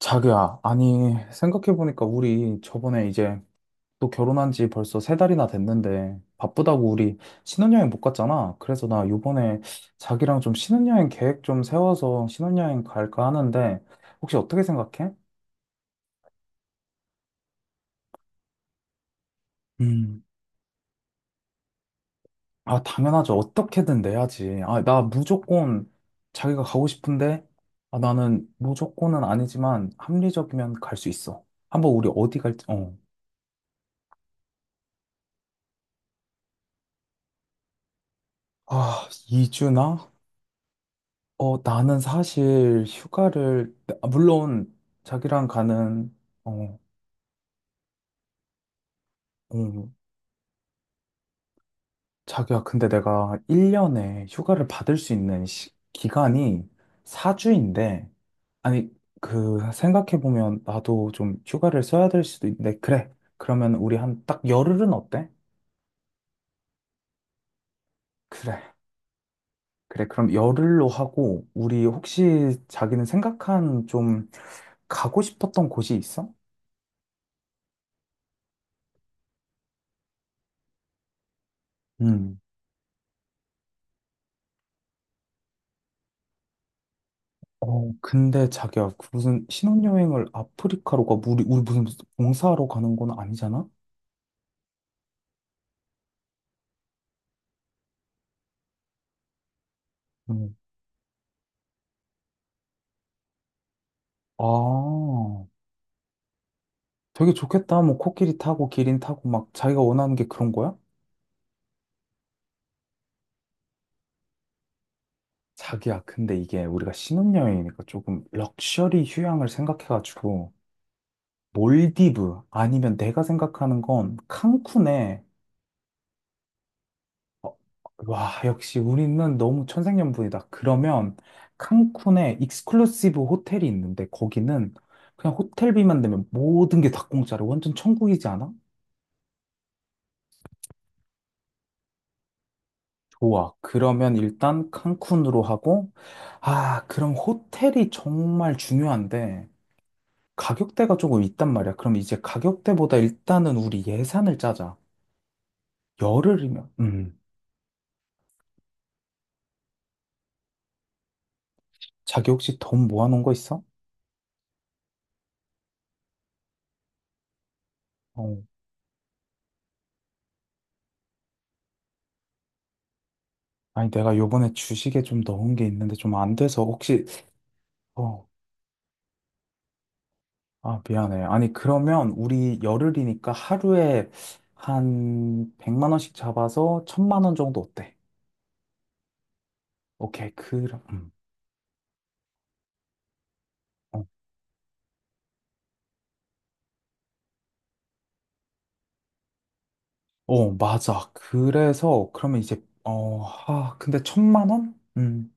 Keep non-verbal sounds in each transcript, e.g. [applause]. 자기야, 아니, 생각해보니까 우리 저번에 이제 또 결혼한 지 벌써 세 달이나 됐는데 바쁘다고 우리 신혼여행 못 갔잖아. 그래서 나 요번에 자기랑 좀 신혼여행 계획 좀 세워서 신혼여행 갈까 하는데 혹시 어떻게 생각해? 음, 아, 당연하죠. 어떻게든 내야지. 아, 나 무조건 자기가 가고 싶은데 아, 나는 무조건은 아니지만 합리적이면 갈 수 있어. 한번 우리 어디 갈지, 어. 아, 2주나? 어, 나는 사실 휴가를, 아, 물론 자기랑 가는, 어, 음, 자기야, 근데 내가 1년에 휴가를 받을 수 있는 기간이 4주인데, 아니, 그, 생각해보면 나도 좀 휴가를 써야 될 수도 있는데, 그래. 그러면 우리 한 딱 열흘은 어때? 그래. 그래. 그럼 열흘로 하고, 우리 혹시 자기는 생각한 좀 가고 싶었던 곳이 있어? 음. 어, 근데 자기야, 그 무슨 신혼여행을 아프리카로 가, 우리 무슨 봉사하러 가는 건 아니잖아? 음. 아, 되게 좋겠다. 뭐, 코끼리 타고, 기린 타고, 막, 자기가 원하는 게 그런 거야? 자기야, 근데 이게 우리가 신혼여행이니까 조금 럭셔리 휴양을 생각해가지고, 몰디브, 아니면 내가 생각하는 건 칸쿤에. 어, 와, 역시 우리는 너무 천생연분이다. 그러면 칸쿤에 익스클루시브 호텔이 있는데 거기는 그냥 호텔비만 내면 모든 게 다 공짜로 완전 천국이지 않아? 좋아. 그러면 일단 칸쿤으로 하고. 아, 그럼 호텔이 정말 중요한데 가격대가 조금 있단 말이야. 그럼 이제 가격대보다 일단은 우리 예산을 짜자. 열흘이면 자기 혹시 돈 모아놓은 거 있어? 어. 아니, 내가 요번에 주식에 좀 넣은 게 있는데 좀 안 돼서 혹시. 어, 아, 미안해. 아니, 그러면 우리 열흘이니까 하루에 한 100만 원씩 잡아서 1,000만 원 정도 어때? 오케이, 그럼. 어, 어, 맞아. 그래서 그러면 이제 어, 아, 근데 1,000만 원?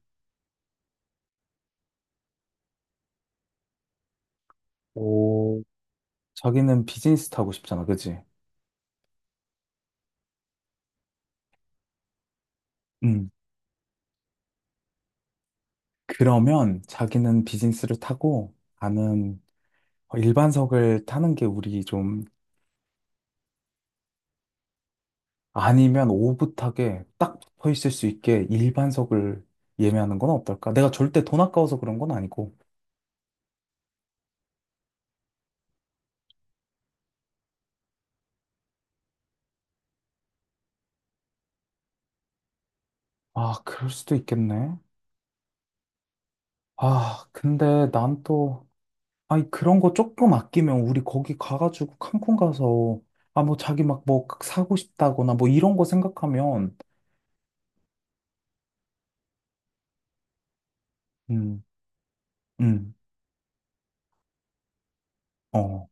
오, 자기는 비즈니스 타고 싶잖아. 그지? 음. 그러면 자기는 비즈니스를 타고 나는 어, 일반석을 타는 게 우리 좀. 아니면 오붓하게 딱 붙어 있을 수 있게 일반석을 예매하는 건 어떨까? 내가 절대 돈 아까워서 그런 건 아니고. 아, 그럴 수도 있겠네. 아, 근데 난 또, 아니, 그런 거 조금 아끼면 우리 거기 가가지고 칸쿤 가서, 아, 뭐 자기 막뭐 그 사고 싶다거나 뭐 이런 거 생각하면, 음, 음, 어.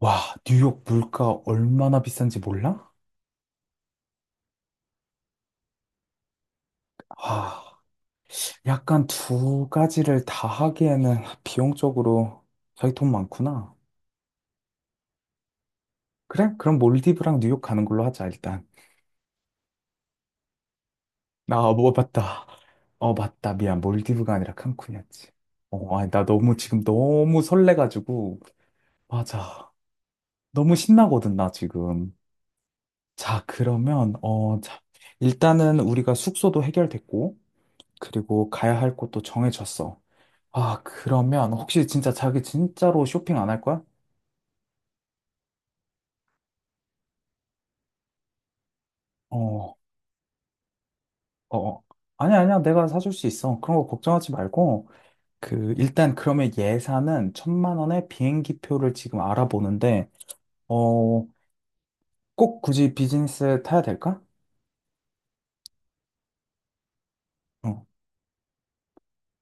와, 뉴욕 물가 얼마나 비싼지 몰라? 아, 약간 두 가지를 다 하기에는 [laughs] 비용적으로 자기 돈 많구나. 그래? 그럼 몰디브랑 뉴욕 가는 걸로 하자, 일단. 아, 뭐, 맞다. 어, 맞다. 미안. 몰디브가 아니라 칸쿤이었지. 어, 아니, 나 너무 지금 너무 설레가지고. 맞아. 너무 신나거든, 나 지금. 자, 그러면, 어, 자. 일단은 우리가 숙소도 해결됐고, 그리고 가야 할 곳도 정해졌어. 아, 그러면 혹시 진짜 자기 진짜로 쇼핑 안 할 거야? 어, 어. 어. 아니야, 아니야. 내가 사줄 수 있어. 그런 거 걱정하지 말고. 그, 일단 그러면 예산은 천만 원에 비행기 표를 지금 알아보는데, 어, 꼭 굳이 비즈니스 타야 될까? 어,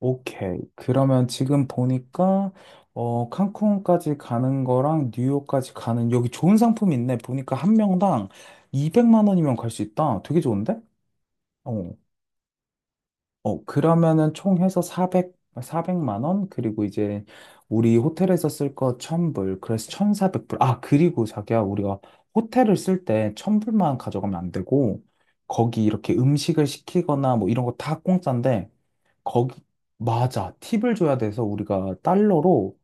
오케이. 그러면 지금 보니까, 어, 칸쿤까지 가는 거랑 뉴욕까지 가는, 여기 좋은 상품 있네. 보니까 한 명당 200만 원이면 갈 수 있다. 되게 좋은데? 어. 어, 그러면은 총 해서 400, 100만 원? 그리고 이제 우리 호텔에서 쓸 거 1000불. 그래서 1400불. 아, 그리고 자기야, 우리가 호텔을 쓸 때 1000불만 가져가면 안 되고, 거기 이렇게 음식을 시키거나 뭐 이런 거 다 공짜인데, 거기, 맞아. 팁을 줘야 돼서 우리가 달러로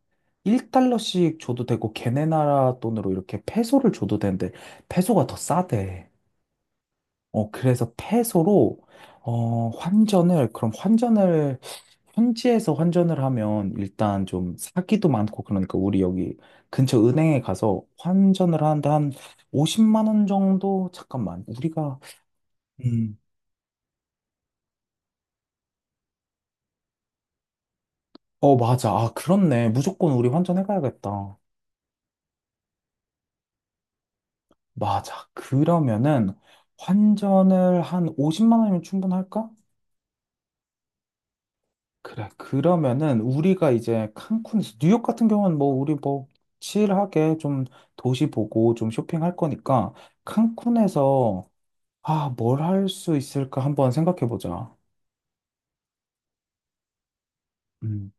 1달러씩 줘도 되고, 걔네 나라 돈으로 이렇게 페소를 줘도 되는데, 페소가 더 싸대. 어, 그래서 peso로, 어, 환전을, 그럼 환전을, 현지에서 환전을 하면 일단 좀 사기도 많고, 그러니까 우리 여기 근처 은행에 가서 환전을 하는데 한 50만 원 정도? 잠깐만, 우리가, 음, 어, 맞아. 아, 그렇네. 무조건 우리 환전해가야겠다. 맞아. 그러면은 환전을 한 50만 원이면 충분할까? 그래. 그러면은 우리가 이제 칸쿤에서 뉴욕 같은 경우는 뭐 우리 뭐 칠하게 좀 도시 보고 좀 쇼핑할 거니까 칸쿤에서 아, 뭘 할 수 있을까 한번 생각해 보자. 음.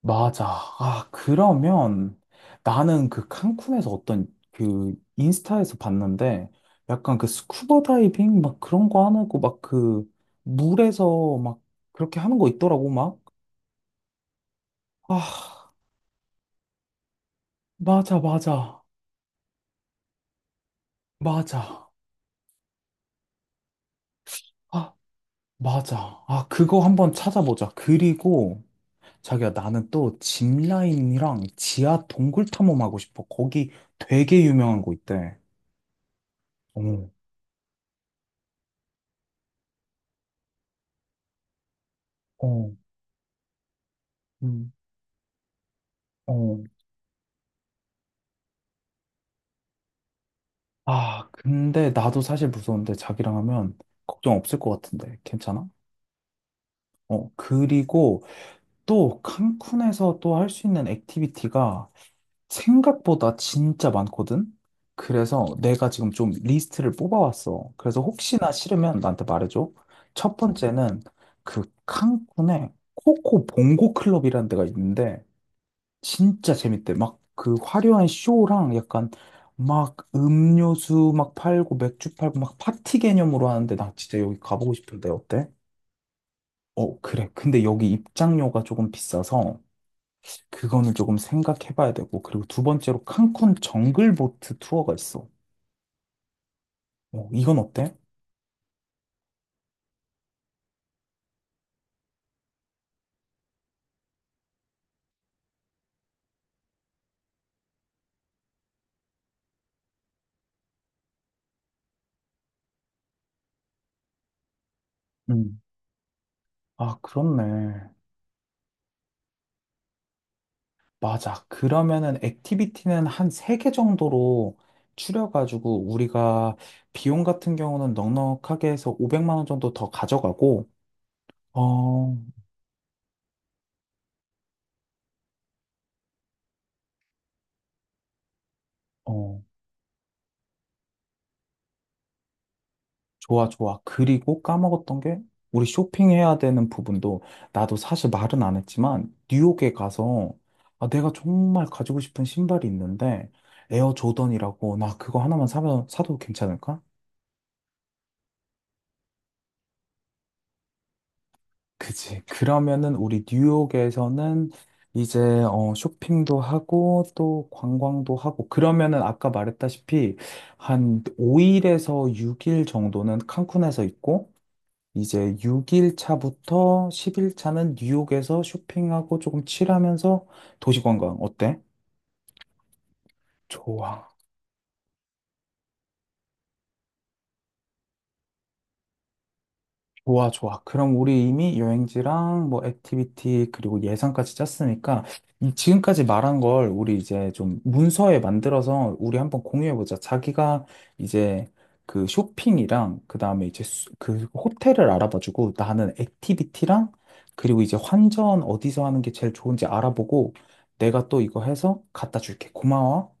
맞아. 아, 그러면 나는 그 칸쿤에서 어떤 그 인스타에서 봤는데 약간 그 스쿠버 다이빙 막 그런 거 하고 막 그 물에서 막 그렇게 하는 거 있더라고 막. 아, 맞아, 맞아. 맞아. 아, 맞아. 아, 그거 한번 찾아보자. 그리고 자기야, 나는 또 짚라인이랑 지하 동굴 탐험하고 싶어. 거기 되게 유명한 거 있대. 어, 어, 음, 어. 아, 근데 나도 사실 무서운데 자기랑 하면 걱정 없을 것 같은데. 괜찮아? 어, 그리고 또 칸쿤에서 또 할 수 있는 액티비티가 생각보다 진짜 많거든? 그래서 내가 지금 좀 리스트를 뽑아왔어. 그래서 혹시나 싫으면 나한테 말해줘. 첫 번째는 그 칸쿤에 코코 봉고 클럽이라는 데가 있는데 진짜 재밌대. 막 그 화려한 쇼랑 약간 막 음료수 막 팔고 맥주 팔고 막 파티 개념으로 하는데 나 진짜 여기 가보고 싶은데 어때? 어, 그래. 근데 여기 입장료가 조금 비싸서 그거는 조금 생각해봐야 되고, 그리고 두 번째로 칸쿤 정글보트 투어가 있어. 어, 이건 어때? 음. 아, 그렇네. 맞아. 그러면은 액티비티는 한 세 개 정도로 추려가지고 우리가 비용 같은 경우는 넉넉하게 해서 500만 원 정도 더 가져가고, 어, 어, 좋아, 좋아. 그리고 까먹었던 게 우리 쇼핑해야 되는 부분도 나도 사실 말은 안 했지만 뉴욕에 가서 아, 내가 정말 가지고 싶은 신발이 있는데 에어 조던이라고 나 그거 하나만 사면 사도 괜찮을까? 그치. 그러면은 우리 뉴욕에서는 이제 어, 쇼핑도 하고 또 관광도 하고 그러면은 아까 말했다시피 한 5일에서 6일 정도는 칸쿤에서 있고 이제 6일 차부터 10일 차는 뉴욕에서 쇼핑하고 조금 칠하면서 도시 관광 어때? 좋아. 좋아, 좋아. 그럼 우리 이미 여행지랑 뭐 액티비티 그리고 예산까지 짰으니까 이 지금까지 말한 걸 우리 이제 좀 문서에 만들어서 우리 한번 공유해보자. 자기가 이제 그 쇼핑이랑 그다음에 이제 그 호텔을 알아봐주고 나는 액티비티랑 그리고 이제 환전 어디서 하는 게 제일 좋은지 알아보고 내가 또 이거 해서 갖다 줄게. 고마워.